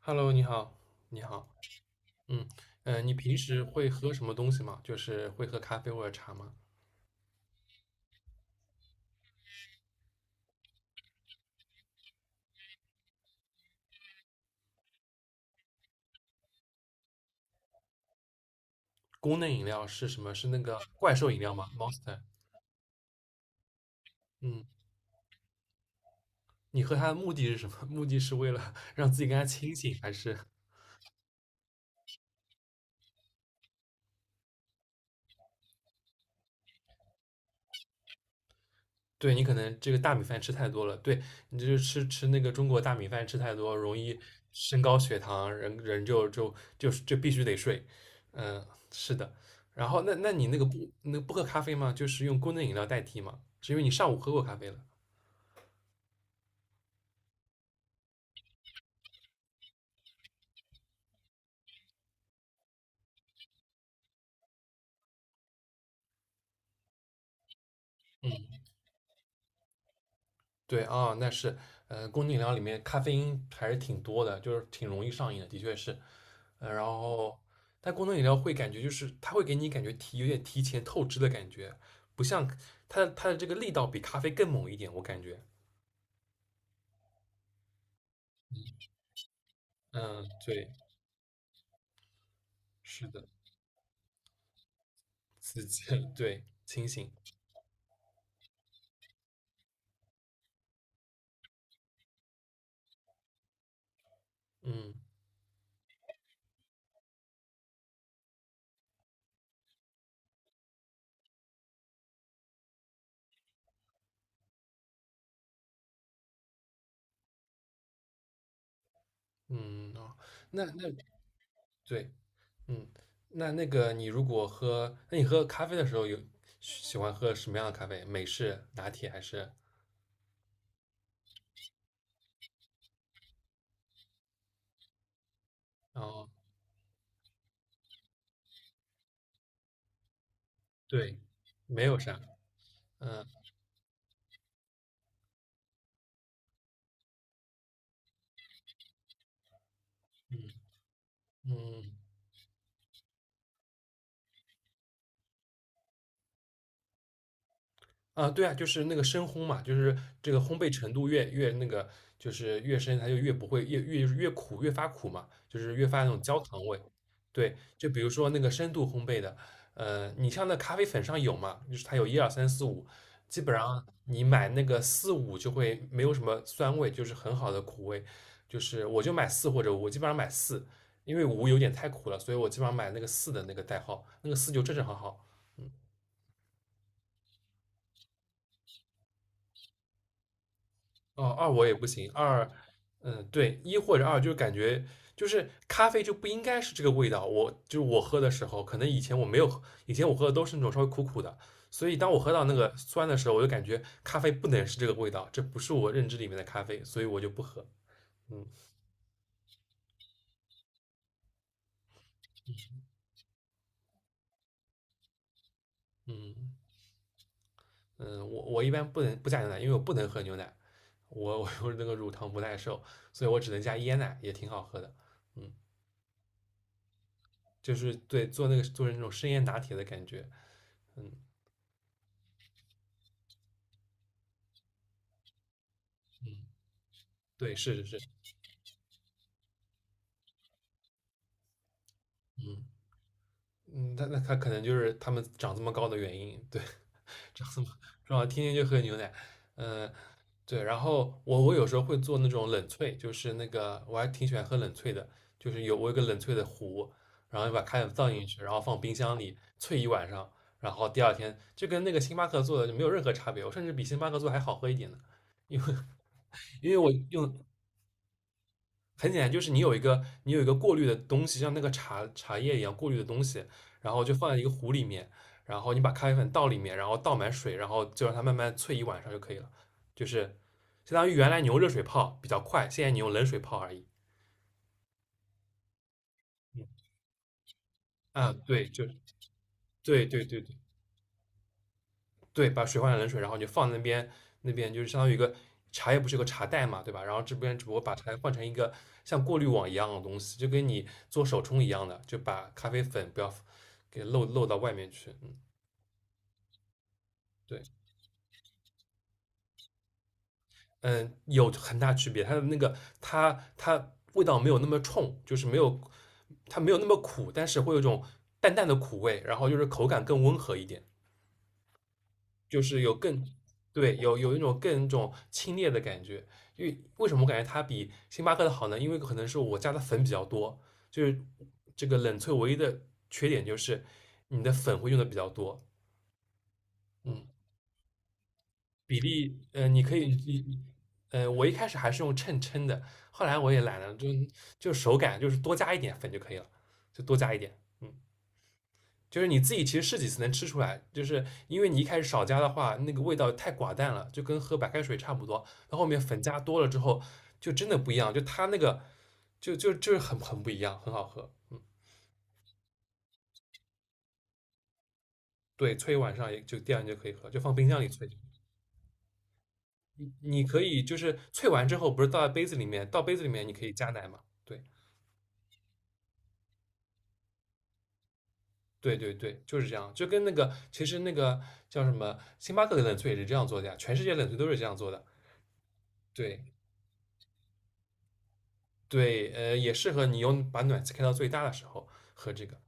Hello，你好，你好，嗯，你平时会喝什么东西吗？就是会喝咖啡或者茶吗？功能饮料是什么？是那个怪兽饮料吗？Monster。嗯，你喝它的目的是什么？目的是为了 让自己更加清醒，还是对，你可能这个大米饭吃太多了？对，你就是吃那个中国大米饭吃太多，容易升高血糖，人就必须得睡。嗯、是的。然后那你那个不喝咖啡吗？就是用功能饮料代替吗？是因为你上午喝过咖啡了。嗯，对啊，那是，功能饮料里面咖啡因还是挺多的，就是挺容易上瘾的，的确是。然后，但功能饮料会感觉就是它会给你感觉有点提前透支的感觉，不像它的这个力道比咖啡更猛一点，我感觉。嗯，对，是的，刺激，对，清醒。嗯嗯哦，那对，嗯，那个你如果喝，那你喝咖啡的时候有喜欢喝什么样的咖啡？美式、拿铁还是？哦对，没有啥，嗯嗯。啊，对啊，就是那个深烘嘛，就是这个烘焙程度越那个，就是越深，它就越不会越苦，越发苦嘛，就是越发那种焦糖味。对，就比如说那个深度烘焙的，你像那咖啡粉上有嘛，就是它有一二三四五，基本上你买那个四五就会没有什么酸味，就是很好的苦味。就是我就买四或者五，我基本上买四，因为五有点太苦了，所以我基本上买那个四的那个代号，那个四就正正好好。哦，二我也不行，二，嗯，对，一或者二，就是感觉就是咖啡就不应该是这个味道。我就是我喝的时候，可能以前我没有喝，以前我喝的都是那种稍微苦苦的，所以当我喝到那个酸的时候，我就感觉咖啡不能是这个味道，这不是我认知里面的咖啡，所以我就不喝。嗯嗯嗯，我一般不能不加牛奶，因为我不能喝牛奶，我有那个乳糖不耐受，所以我只能加椰奶，也挺好喝的。嗯，就是对做成那种生椰拿铁的感觉。嗯。对，是是是，嗯嗯，那他可能就是他们长这么高的原因，对，长这么是吧？天天就喝牛奶，嗯，对，然后我有时候会做那种冷萃，就是那个我还挺喜欢喝冷萃的，就是我有个冷萃的壶，然后把开水倒进去，然后放冰箱里萃一晚上，然后第二天就跟那个星巴克做的就没有任何差别，我甚至比星巴克做的还好喝一点呢，因为我用很简单，就是你有一个过滤的东西，像那个茶叶一样过滤的东西，然后就放在一个壶里面，然后你把咖啡粉倒里面，然后倒满水，然后就让它慢慢萃一晚上就可以了。就是相当于原来你用热水泡比较快，现在你用冷水泡而已。嗯啊，对，就对对对对，把水换成冷水，然后你就放那边，那边就是相当于一个茶叶不是有个茶袋嘛，对吧？然后这边只不过把茶换成一个像过滤网一样的东西，就跟你做手冲一样的，就把咖啡粉不要给漏到外面去。嗯，对，嗯，有很大区别，它的那个它它味道没有那么冲，就是没有它没有那么苦，但是会有一种淡淡的苦味，然后就是口感更温和一点。就是对，有一种一种清冽的感觉。为什么我感觉它比星巴克的好呢？因为可能是我加的粉比较多，就是这个冷萃唯一的缺点就是你的粉会用的比较多，嗯，比例，你可以，你，我一开始还是用秤称的，后来我也懒了，就手感就是多加一点粉就可以了，就多加一点，嗯。就是你自己其实试几次能吃出来，就是因为你一开始少加的话，那个味道太寡淡了，就跟喝白开水差不多。到后面粉加多了之后，就真的不一样，就它那个就是很不一样，很好喝。嗯，对，萃一晚上也就第二天就可以喝，就放冰箱里萃。你可以就是萃完之后，不是倒在杯子里面，倒杯子里面你可以加奶嘛？对对对对，就是这样，就跟那个其实那个叫什么星巴克的冷萃也是这样做的呀，全世界冷萃都是这样做的。对，对，也适合你用把暖气开到最大的时候喝这个。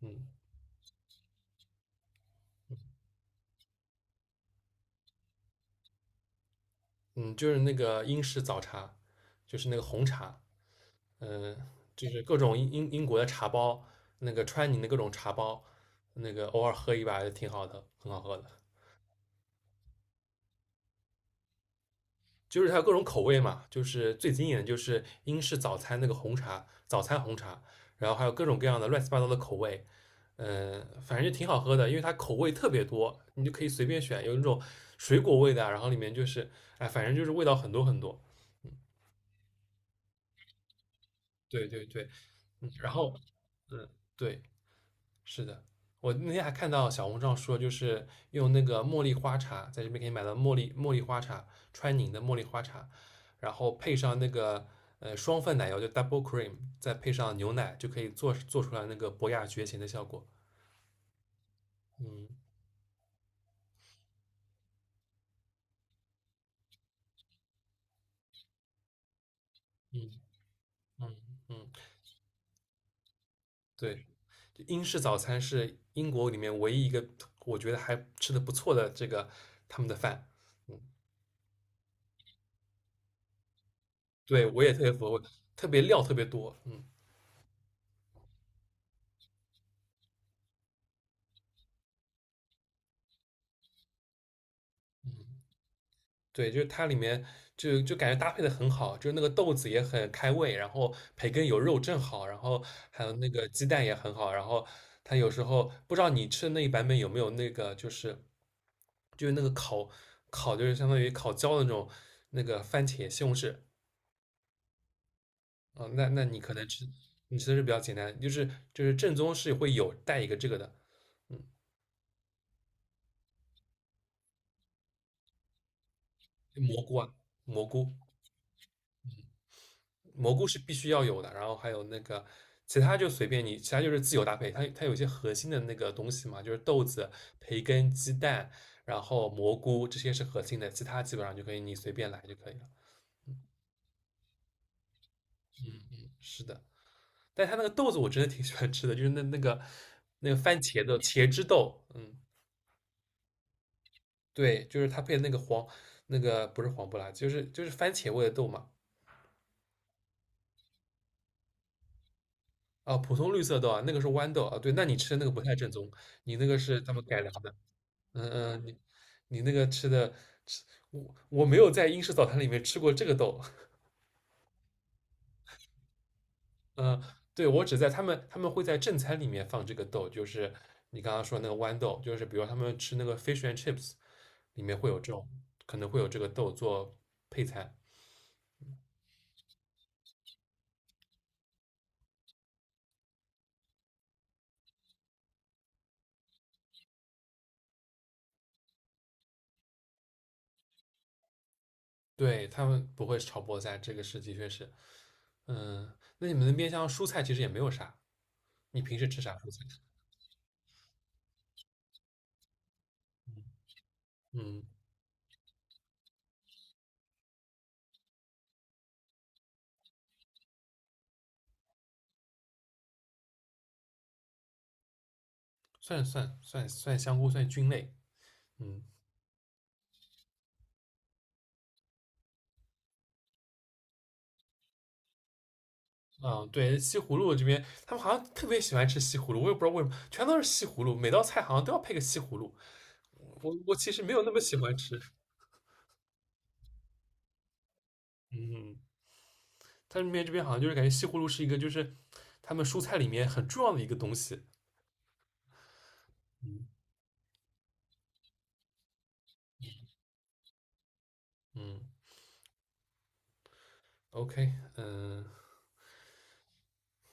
嗯嗯，就是那个英式早茶，就是那个红茶，嗯、就是各种英国的茶包，那个川宁的各种茶包，那个偶尔喝一把也挺好的，很好喝的。就是它有各种口味嘛，就是最经典的就是英式早餐那个红茶，早餐红茶，然后还有各种各样的乱七八糟的口味，嗯、反正就挺好喝的，因为它口味特别多，你就可以随便选，有那种水果味的啊然后里面就是，哎，反正就是味道很多很多。对对对，嗯，然后，嗯，对，是的，我那天还看到小红书上说，就是用那个茉莉花茶，在这边可以买到茉莉花茶，川宁的茉莉花茶，然后配上那个双份奶油，就 double cream,再配上牛奶，就可以做出来那个博雅绝情的效果。嗯嗯嗯嗯，对，就英式早餐是英国里面唯一一个我觉得还吃的不错的这个他们的饭。嗯，对，我也特别服，我特别料特别多。嗯。对，就是它里面就感觉搭配的很好，就是那个豆子也很开胃，然后培根有肉正好，然后还有那个鸡蛋也很好，然后它有时候不知道你吃的那一版本有没有那个就是那个烤就是相当于烤焦的那种那个番茄西红柿啊，那你可能你吃的是比较简单，就是正宗是会有带一个这个的，嗯，蘑菇啊蘑菇，蘑菇是必须要有的，然后还有那个其他就随便你，其他就是自由搭配。它有一些核心的那个东西嘛，就是豆子、培根、鸡蛋，然后蘑菇这些是核心的，其他基本上就可以你随便来就可以了。嗯，是的，但它那个豆子我真的挺喜欢吃的，就是那个番茄的茄汁豆，嗯，对，就是它配那个黄那个不是黄不拉几就是番茄味的豆嘛。啊，普通绿色豆啊，那个是豌豆啊。对，那你吃的那个不太正宗，你那个是他们改良的。嗯嗯，你那个吃的吃，我没有在英式早餐里面吃过这个豆。嗯，对，我只在他们会在正餐里面放这个豆，就是你刚刚说那个豌豆，就是比如他们吃那个 fish and chips 里面会有这种，可能会有这个豆做配菜。对，他们不会炒菠菜，这个是的确是。嗯，那你们那边像蔬菜其实也没有啥，你平时吃啥蔬菜？嗯，算香菇算菌类。嗯。嗯，对，西葫芦这边他们好像特别喜欢吃西葫芦，我也不知道为什么，全都是西葫芦，每道菜好像都要配个西葫芦。我其实没有那么喜欢吃，嗯，他是那这边好像就是感觉西葫芦是一个就是他们蔬菜里面很重要的一个东西。嗯嗯，OK,嗯，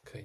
可以。